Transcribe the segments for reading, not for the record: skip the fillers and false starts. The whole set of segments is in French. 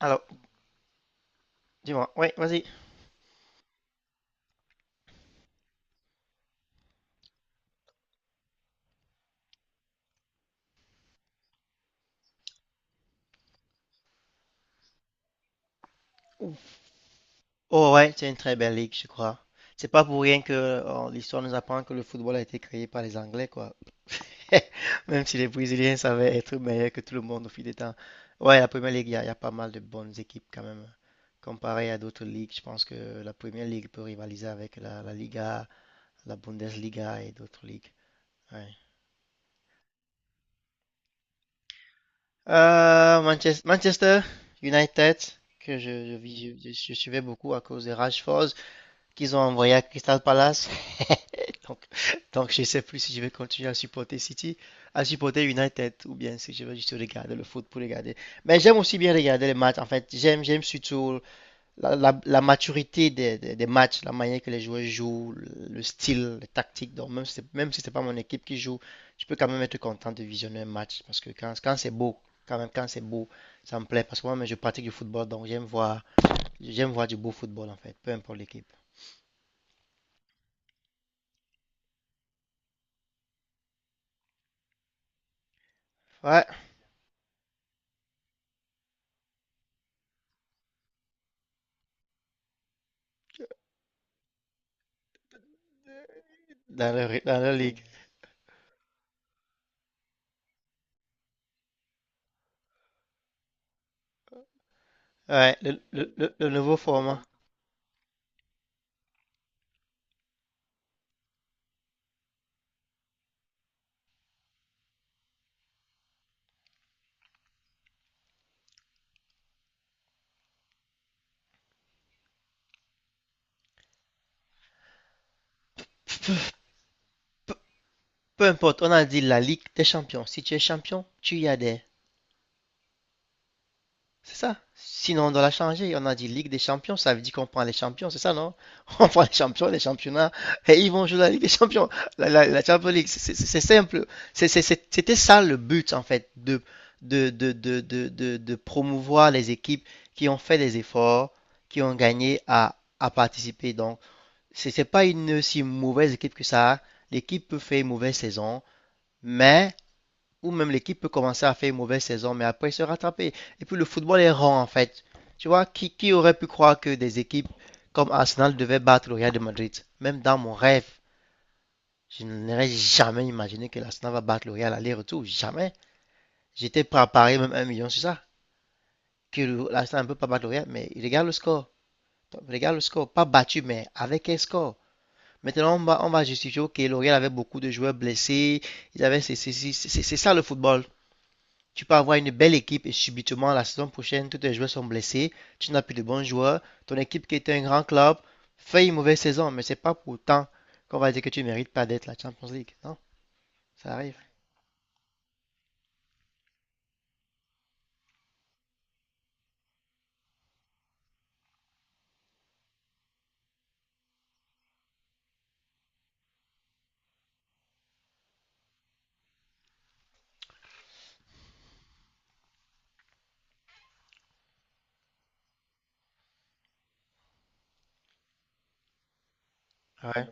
Alors, dis-moi, ouais, vas-y. Oh ouais, c'est une très belle ligue, je crois. C'est pas pour rien que l'histoire nous apprend que le football a été créé par les Anglais, quoi. Même si les Brésiliens savaient être meilleurs que tout le monde au fil des temps. Ouais, la Première Ligue, il y a pas mal de bonnes équipes quand même. Comparé à d'autres ligues, je pense que la Première Ligue peut rivaliser avec la Liga, la Bundesliga et d'autres ligues. Ouais. Manchester United, que je suivais beaucoup à cause de Rashford. Qu'ils ont envoyé à Crystal Palace. donc, donc, je ne sais plus si je vais continuer à supporter City, à supporter United, ou bien si je vais juste regarder le foot pour regarder. Mais j'aime aussi bien regarder les matchs. En fait, j'aime surtout la maturité des matchs, la manière que les joueurs jouent, le style, les tactiques. Donc, même si ce n'est pas mon équipe qui joue, je peux quand même être content de visionner un match. Parce que quand c'est beau, quand même, quand c'est beau, ça me plaît. Parce que moi, je pratique du football, donc j'aime voir du beau football, en fait, peu importe l'équipe. Ouais. Dans la ligue. Ouais, le nouveau format. Peu, peu- Peu importe, on a dit la Ligue des Champions. Si tu es champion, tu y adhères. C'est ça. Sinon, on doit la changer. On a dit Ligue des Champions, ça veut dire qu'on prend les champions, c'est ça, non? On prend les champions, les championnats, et ils vont jouer la Ligue des Champions, la Champions League. C'est simple. C'était ça le but, en fait, de promouvoir les équipes qui ont fait des efforts, qui ont gagné à participer. Donc, c'est pas une si mauvaise équipe que ça. L'équipe peut faire une mauvaise saison, mais, ou même l'équipe peut commencer à faire une mauvaise saison, mais après se rattraper. Et puis le football est rond en fait. Tu vois, qui aurait pu croire que des équipes comme Arsenal devaient battre le Real de Madrid? Même dans mon rêve, je n'aurais jamais imaginé que l'Arsenal va battre le Real aller-retour. Jamais. J'étais prêt à parier même 1 million sur ça. Que l'Arsenal ne peut pas battre le Real, mais il regarde le score. Donc, regarde le score, pas battu, mais avec un score. Maintenant, on va justifier, ok, L'Oréal avait beaucoup de joueurs blessés, ils avaient, ça le football. Tu peux avoir une belle équipe et subitement, la saison prochaine, tous tes joueurs sont blessés, tu n'as plus de bons joueurs, ton équipe qui était un grand club fait une mauvaise saison, mais c'est pas pour autant qu'on va dire que tu ne mérites pas d'être la Champions League. Non, ça arrive. Ouais,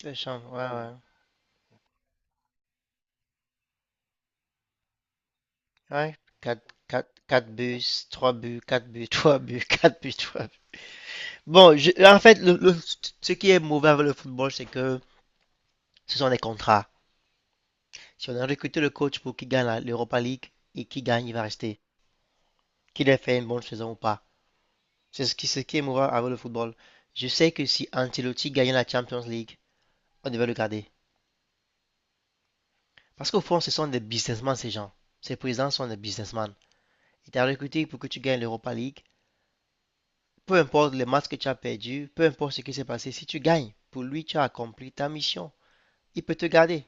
c'est chiant, ouais, ouais. Ouais, quatre 4 buts, trois buts, quatre buts, trois buts, quatre buts, trois buts. Bon, en fait, ce qui est mauvais avec le football, c'est que ce sont des contrats. Si on a recruté le coach pour qu'il gagne l'Europa League et qu'il gagne, il va rester. Qu'il ait fait une bonne saison ou pas. C'est ce qui est moral avec le football. Je sais que si Ancelotti gagnait la Champions League, on devait le garder. Parce qu'au fond, ce sont des businessmen, ces gens. Ces présidents sont des businessmen. Ils t'ont recruté pour que tu gagnes l'Europa League. Peu importe les matchs que tu as perdus, peu importe ce qui s'est passé, si tu gagnes, pour lui, tu as accompli ta mission. Il peut te garder.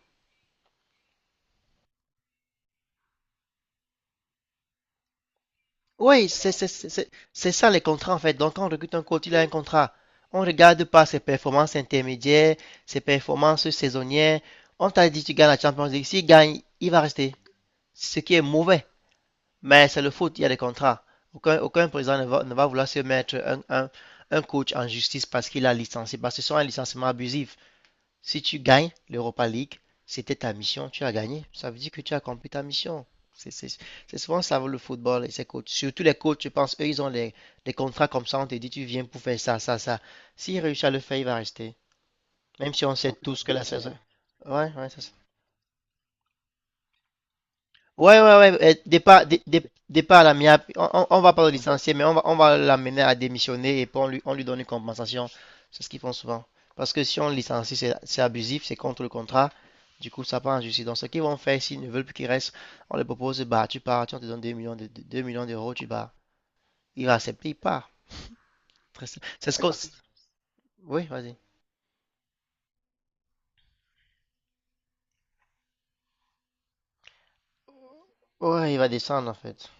Oui, c'est ça les contrats en fait. Donc quand on recrute un coach, il a un contrat. On ne regarde pas ses performances intermédiaires, ses performances saisonnières. On t'a dit tu gagnes la Champions League, s'il gagne, il va rester. Ce qui est mauvais. Mais c'est le foot, il y a des contrats. Aucun président ne va vouloir se mettre un coach en justice parce qu'il a licencié, parce que ce sont un licenciement abusif. Si tu gagnes l'Europa League, c'était ta mission, tu as gagné. Ça veut dire que tu as accompli ta mission. C'est c'est- c'est souvent ça le football et ses coachs. Surtout les coachs, je pense, eux, ils ont des les contrats comme ça. On te dit, tu viens pour faire ça, ça, ça. S'il réussit à le faire, il va rester. Même si on sait tous que la saison. Ouais, ouais, ça Ouais, départ, départ à l'amiable. On va pas le licencier, mais on va l'amener à démissionner et puis on lui donne une compensation. C'est ce qu'ils font souvent. Parce que si on le licencie, c'est abusif, c'est contre le contrat. Du coup, ça part en justice. Donc, ce qu'ils vont faire, s'ils ne veulent plus qu'il reste, on les propose, bah, tu pars, tiens, on te donne 2 millions de 2 millions d'euros, tu pars. Il va accepter, il part. Très simple. C'est ce qu'on. Oui, vas-y. Ouais, il va descendre en fait.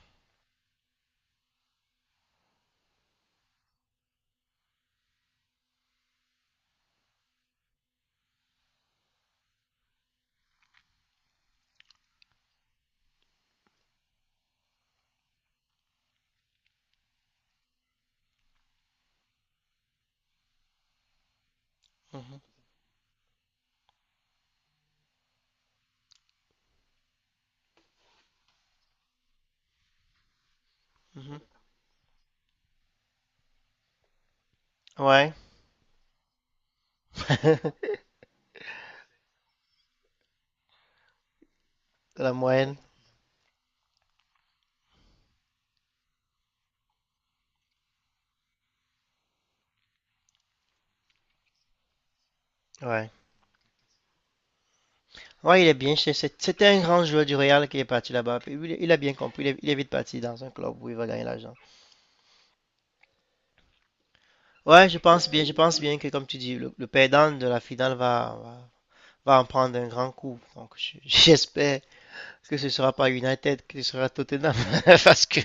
Mhm, mhm. Ouais, la moyenne. Ouais. Ouais, il est bien. C'était un grand joueur du Real qui est parti là-bas. Il a bien compris. Il est vite parti dans un club où il va gagner l'argent. Ouais, je pense bien. Je pense bien que, comme tu dis, le perdant de la finale va en prendre un grand coup. Donc, j'espère que ce sera pas United, que ce sera Tottenham. Parce que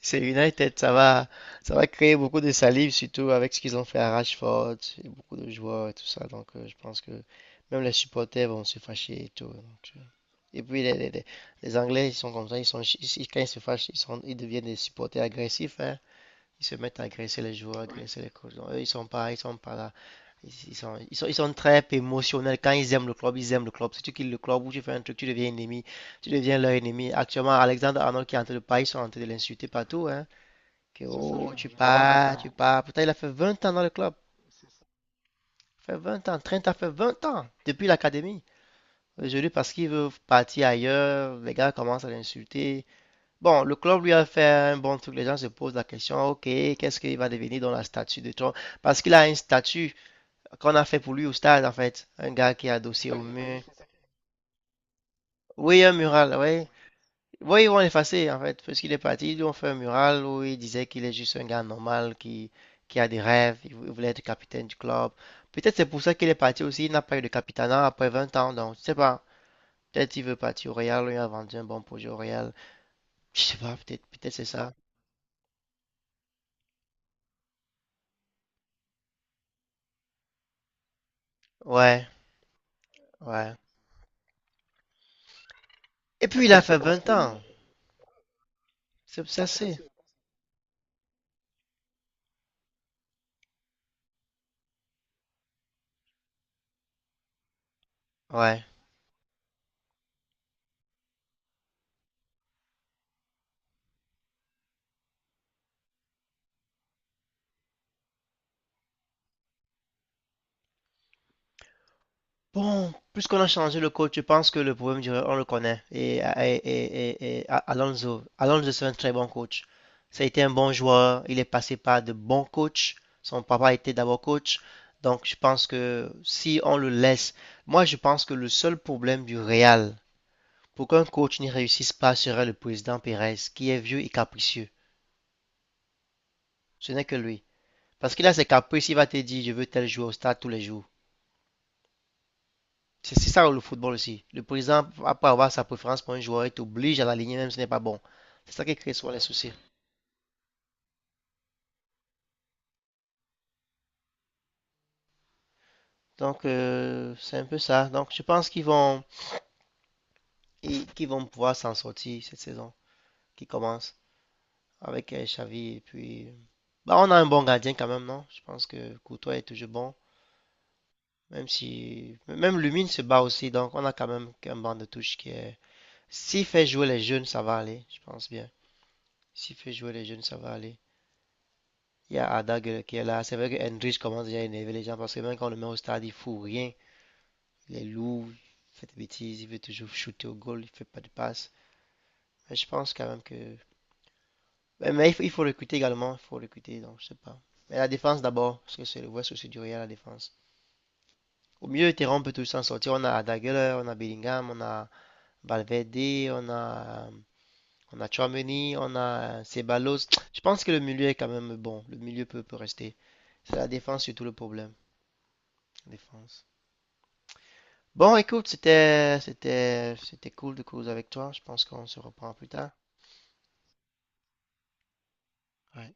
c'est United, ça va créer beaucoup de salive, surtout avec ce qu'ils ont fait à Rashford et beaucoup de joueurs et tout ça. Donc, je pense que même les supporters vont se fâcher et tout. Donc, et puis les Anglais, ils sont comme ça, quand ils se fâchent, ils deviennent des supporters agressifs, hein. Ils se mettent à agresser les joueurs, oui, agresser les coachs. Donc, eux, ils sont pas là. Ils sont très émotionnels. Quand ils aiment le club, ils aiment le club. Si tu quittes le club ou tu fais un truc, tu deviens ennemi. Tu deviens leur ennemi. Actuellement, Alexander Arnold qui est en train de parler, ils sont en train de l'insulter partout, hein. Que oh, tu pars, tu pars. Pourtant, il a fait 20 ans dans le club. Il a fait 20 ans. Trent a fait 20 ans depuis l'académie. Aujourd'hui, parce qu'il veut partir ailleurs, les gars commencent à l'insulter. Bon, le club lui a fait un bon truc. Les gens se posent la question, ok, qu'est-ce qu'il va devenir dans la statue de Trump? Parce qu'il a une statue qu'on a fait pour lui au stade, en fait. Un gars qui est adossé au mur. Oui, un mural, oui. Oui, ils vont l'effacer, en fait. Parce qu'il est parti, ils lui ont fait un mural où il disait qu'il est juste un gars normal qui a des rêves. Il voulait être capitaine du club. Peut-être c'est pour ça qu'il est parti aussi. Il n'a pas eu de capitanat après 20 ans, donc je sais pas. Peut-être il veut partir au Real, il a vendu un bon projet au Real. Je sais pas, peut-être c'est ça. Ouais, ouais. Et puis il a fait 20 ans. C'est ça, c'est. Ouais. Bon, puisqu'on a changé le coach, je pense que le problème, on le connaît. Et Alonso, Alonso, c'est un très bon coach. Ça a été un bon joueur. Il est passé par de bons coachs. Son papa était d'abord coach. Donc, je pense que si on le laisse, moi, je pense que le seul problème du Real, pour qu'un coach n'y réussisse pas, serait le président Pérez, qui est vieux et capricieux. Ce n'est que lui. Parce qu'il a ses caprices, il va te dire, je veux tel joueur au stade tous les jours. C'est ça le football aussi. Le président, après avoir sa préférence pour un joueur, il t'oblige à l'aligner même si ce n'est pas bon. C'est ça qui crée souvent les soucis. Donc, c'est un peu ça. Donc, je pense qu'ils vont pouvoir s'en sortir cette saison qui commence avec Xavi. Et puis, bah, on a un bon gardien quand même, non? Je pense que Courtois est toujours bon. Même si, même Lumine se bat aussi. Donc, on a quand même un banc de touche qui est. S'il fait jouer les jeunes, ça va aller. Je pense bien. S'il fait jouer les jeunes, ça va aller. Il y a Ada qui est là. C'est vrai que Hendrich commence déjà à énerver les gens parce que même quand on le met au stade, il ne fout rien. Il est lourd, il fait des bêtises, il veut toujours shooter au goal, il ne fait pas de passe. Mais je pense quand même que. Mais, il faut recruter également, il faut recruter, donc je sais pas. Mais la défense d'abord, parce que c'est le vrai souci du Real, la défense. Au milieu de terrain, on peut tous s'en sortir. On a Arda Güler, on a Bellingham, on a Valverde, on a Tchouaméni, on a Ceballos. Je pense que le milieu est quand même bon. Peut rester. C'est la défense surtout le problème. Défense. Bon, écoute, c'était cool de cause avec toi. Je pense qu'on se reprend plus tard. Ouais.